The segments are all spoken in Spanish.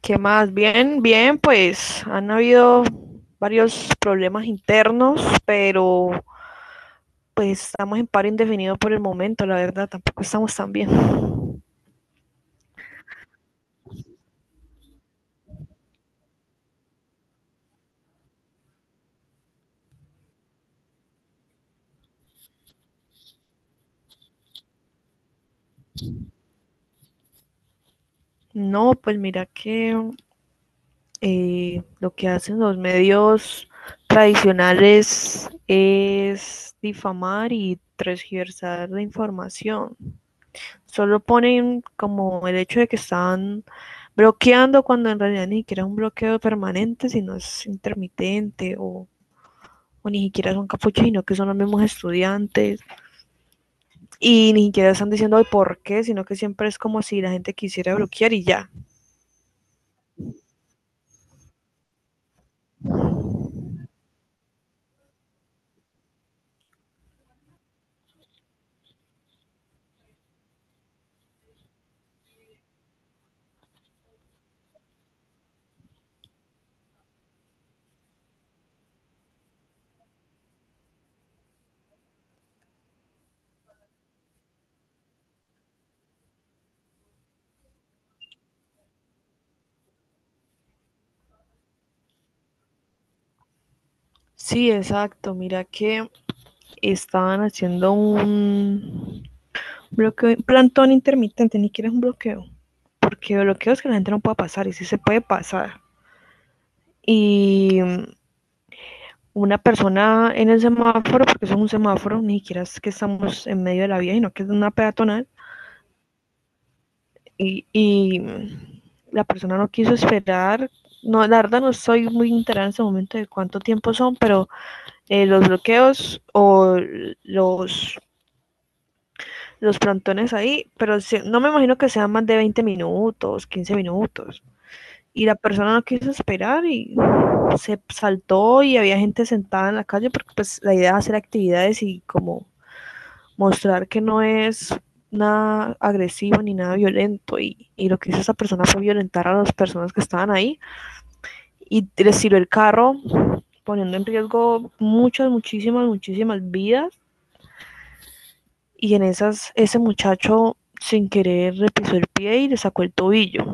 ¿Qué más? Bien, bien, pues han habido varios problemas internos, pero pues estamos en paro indefinido por el momento. La verdad, tampoco estamos tan bien. No, pues mira que lo que hacen los medios tradicionales es difamar y transversar la información. Solo ponen como el hecho de que están bloqueando, cuando en realidad ni siquiera es un bloqueo permanente, sino es intermitente, o ni siquiera son capuchinos, que son los mismos estudiantes y ni siquiera están diciendo "Ay, ¿por qué?", sino que siempre es como si la gente quisiera bloquear y ya. Sí, exacto. Mira que estaban haciendo un bloqueo, plantón intermitente, ni siquiera es un bloqueo, porque bloqueo es que la gente no pueda pasar y sí se puede pasar. Y una persona en el semáforo, porque eso es un semáforo, ni siquiera es que estamos en medio de la vía, sino que es una peatonal, y la persona no quiso esperar. No, la verdad no estoy muy enterada en este momento de cuánto tiempo son, pero los bloqueos o los, los plantones ahí, pero no me imagino que sean más de 20 minutos, 15 minutos. Y la persona no quiso esperar y se saltó, y había gente sentada en la calle porque pues la idea es hacer actividades y como mostrar que no es nada agresivo ni nada violento. Y, y lo que hizo esa persona fue violentar a las personas que estaban ahí y les tiró el carro, poniendo en riesgo muchas, muchísimas, muchísimas vidas, y en esas ese muchacho sin querer le pisó el pie y le sacó el tobillo.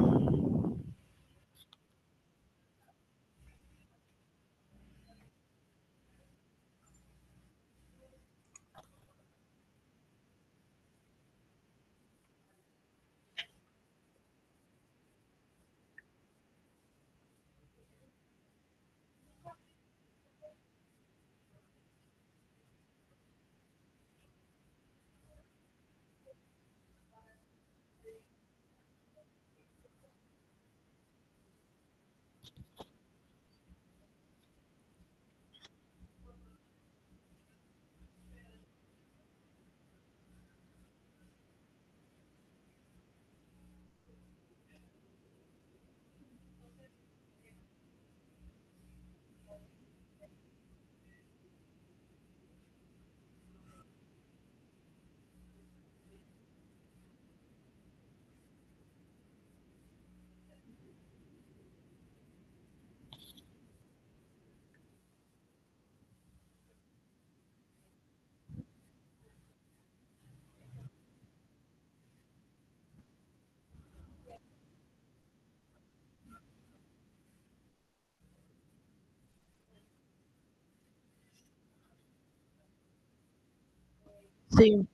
Sí.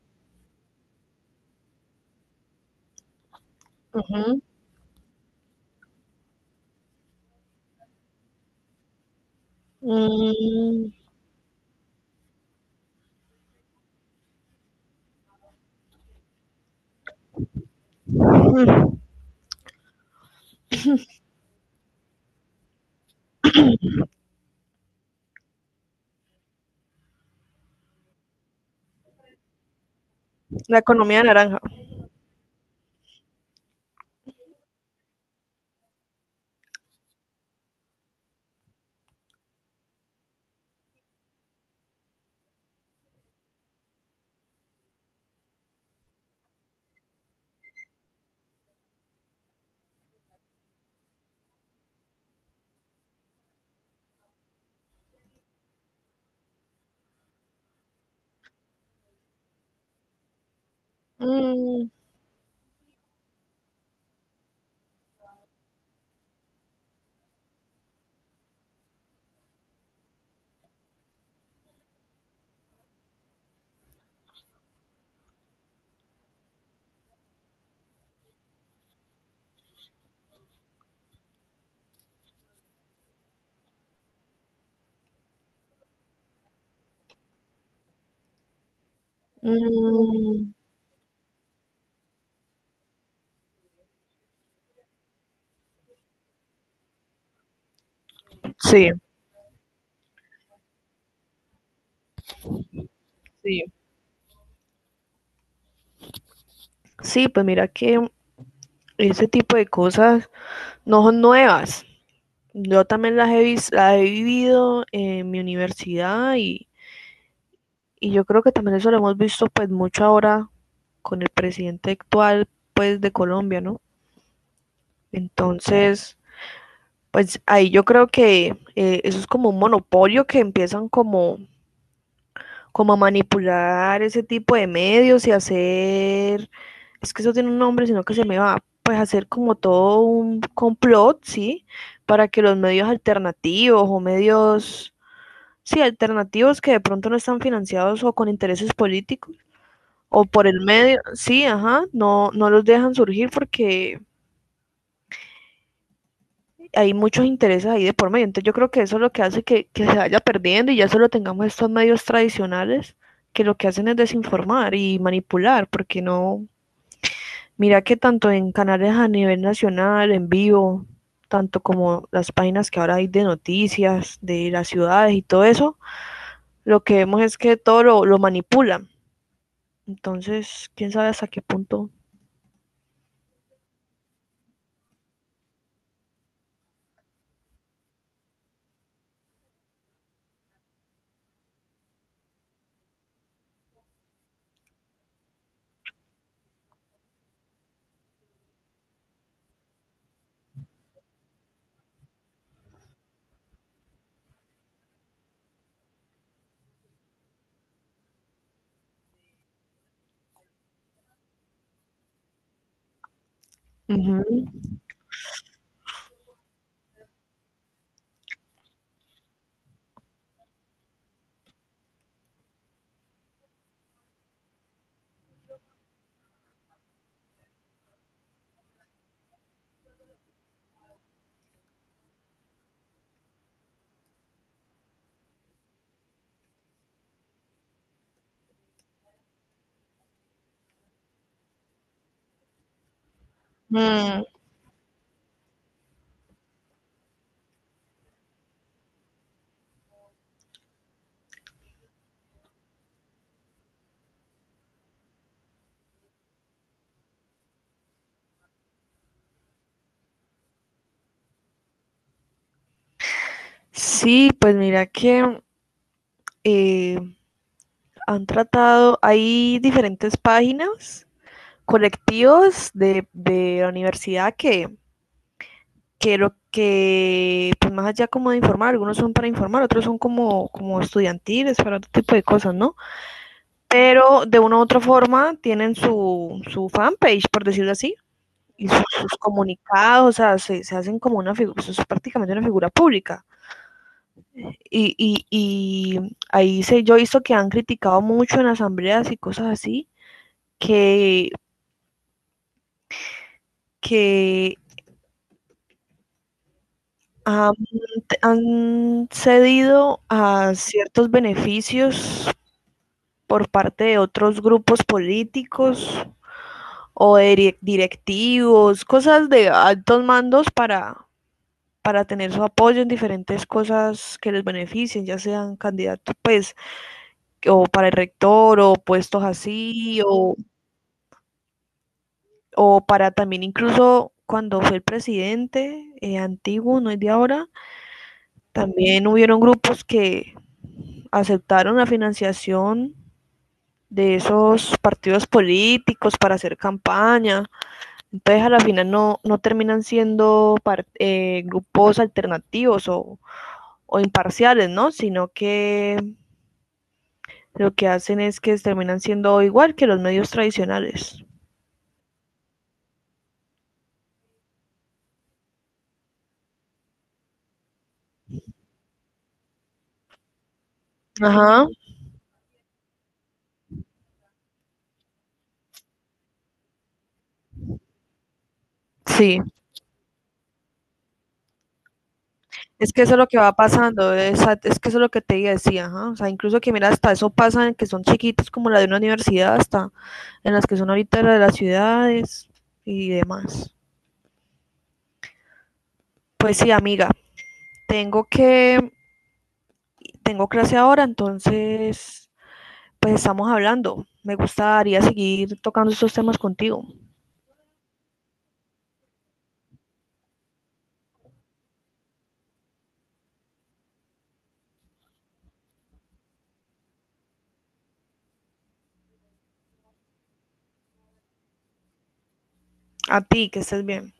Ujú. Mm, mm, la economía naranja. Mm, mm, sí, sí. Sí, pues mira que ese tipo de cosas no son nuevas. Yo también las he, las he vivido en mi universidad, y yo creo que también eso lo hemos visto pues mucho ahora con el presidente actual pues de Colombia, ¿no? Entonces, pues ahí yo creo que eso es como un monopolio que empiezan como, como a manipular ese tipo de medios y hacer, es que eso tiene un nombre, sino que se me va, pues hacer como todo un complot, ¿sí? Para que los medios alternativos o medios... Sí, alternativos, que de pronto no están financiados o con intereses políticos o por el medio, sí, ajá, no, no los dejan surgir porque hay muchos intereses ahí de por medio. Entonces yo creo que eso es lo que hace que se vaya perdiendo y ya solo tengamos estos medios tradicionales, que lo que hacen es desinformar y manipular, porque no, mira que tanto en canales a nivel nacional, en vivo, tanto como las páginas que ahora hay de noticias, de las ciudades y todo eso, lo que vemos es que todo lo manipulan. Entonces, quién sabe hasta qué punto. Ujú. Mm, sí, pues mira que eh, han tratado, hay diferentes páginas, colectivos de la universidad que lo que, pues más allá como de informar, algunos son para informar, otros son como, como estudiantiles, para otro tipo de cosas, ¿no? Pero de una u otra forma tienen su fanpage, por decirlo así, y sus comunicados. O sea, se hacen como una figura, es prácticamente una figura pública. Y ahí se yo he visto que han criticado mucho en asambleas y cosas así, que, que han, han cedido a ciertos beneficios por parte de otros grupos políticos o de directivos, cosas de altos mandos, para tener su apoyo en diferentes cosas que les beneficien, ya sean candidatos, pues, o para el rector, o puestos así, o para también, incluso cuando fue el presidente antiguo, no es de ahora, también hubieron grupos que aceptaron la financiación de esos partidos políticos para hacer campaña. Entonces a la final no, no terminan siendo par, grupos alternativos o imparciales, ¿no? Sino que lo que hacen es que terminan siendo igual que los medios tradicionales. Ajá, sí. Es que eso es lo que va pasando, es que eso es lo que te decía, ajá. O sea, incluso que mira, hasta eso pasa en que son chiquitos como la de una universidad, hasta en las que son ahorita la de las ciudades y demás. Pues sí, amiga, tengo que, tengo clase ahora, entonces, pues estamos hablando. Me gustaría seguir tocando estos temas contigo. A ti, que estés bien.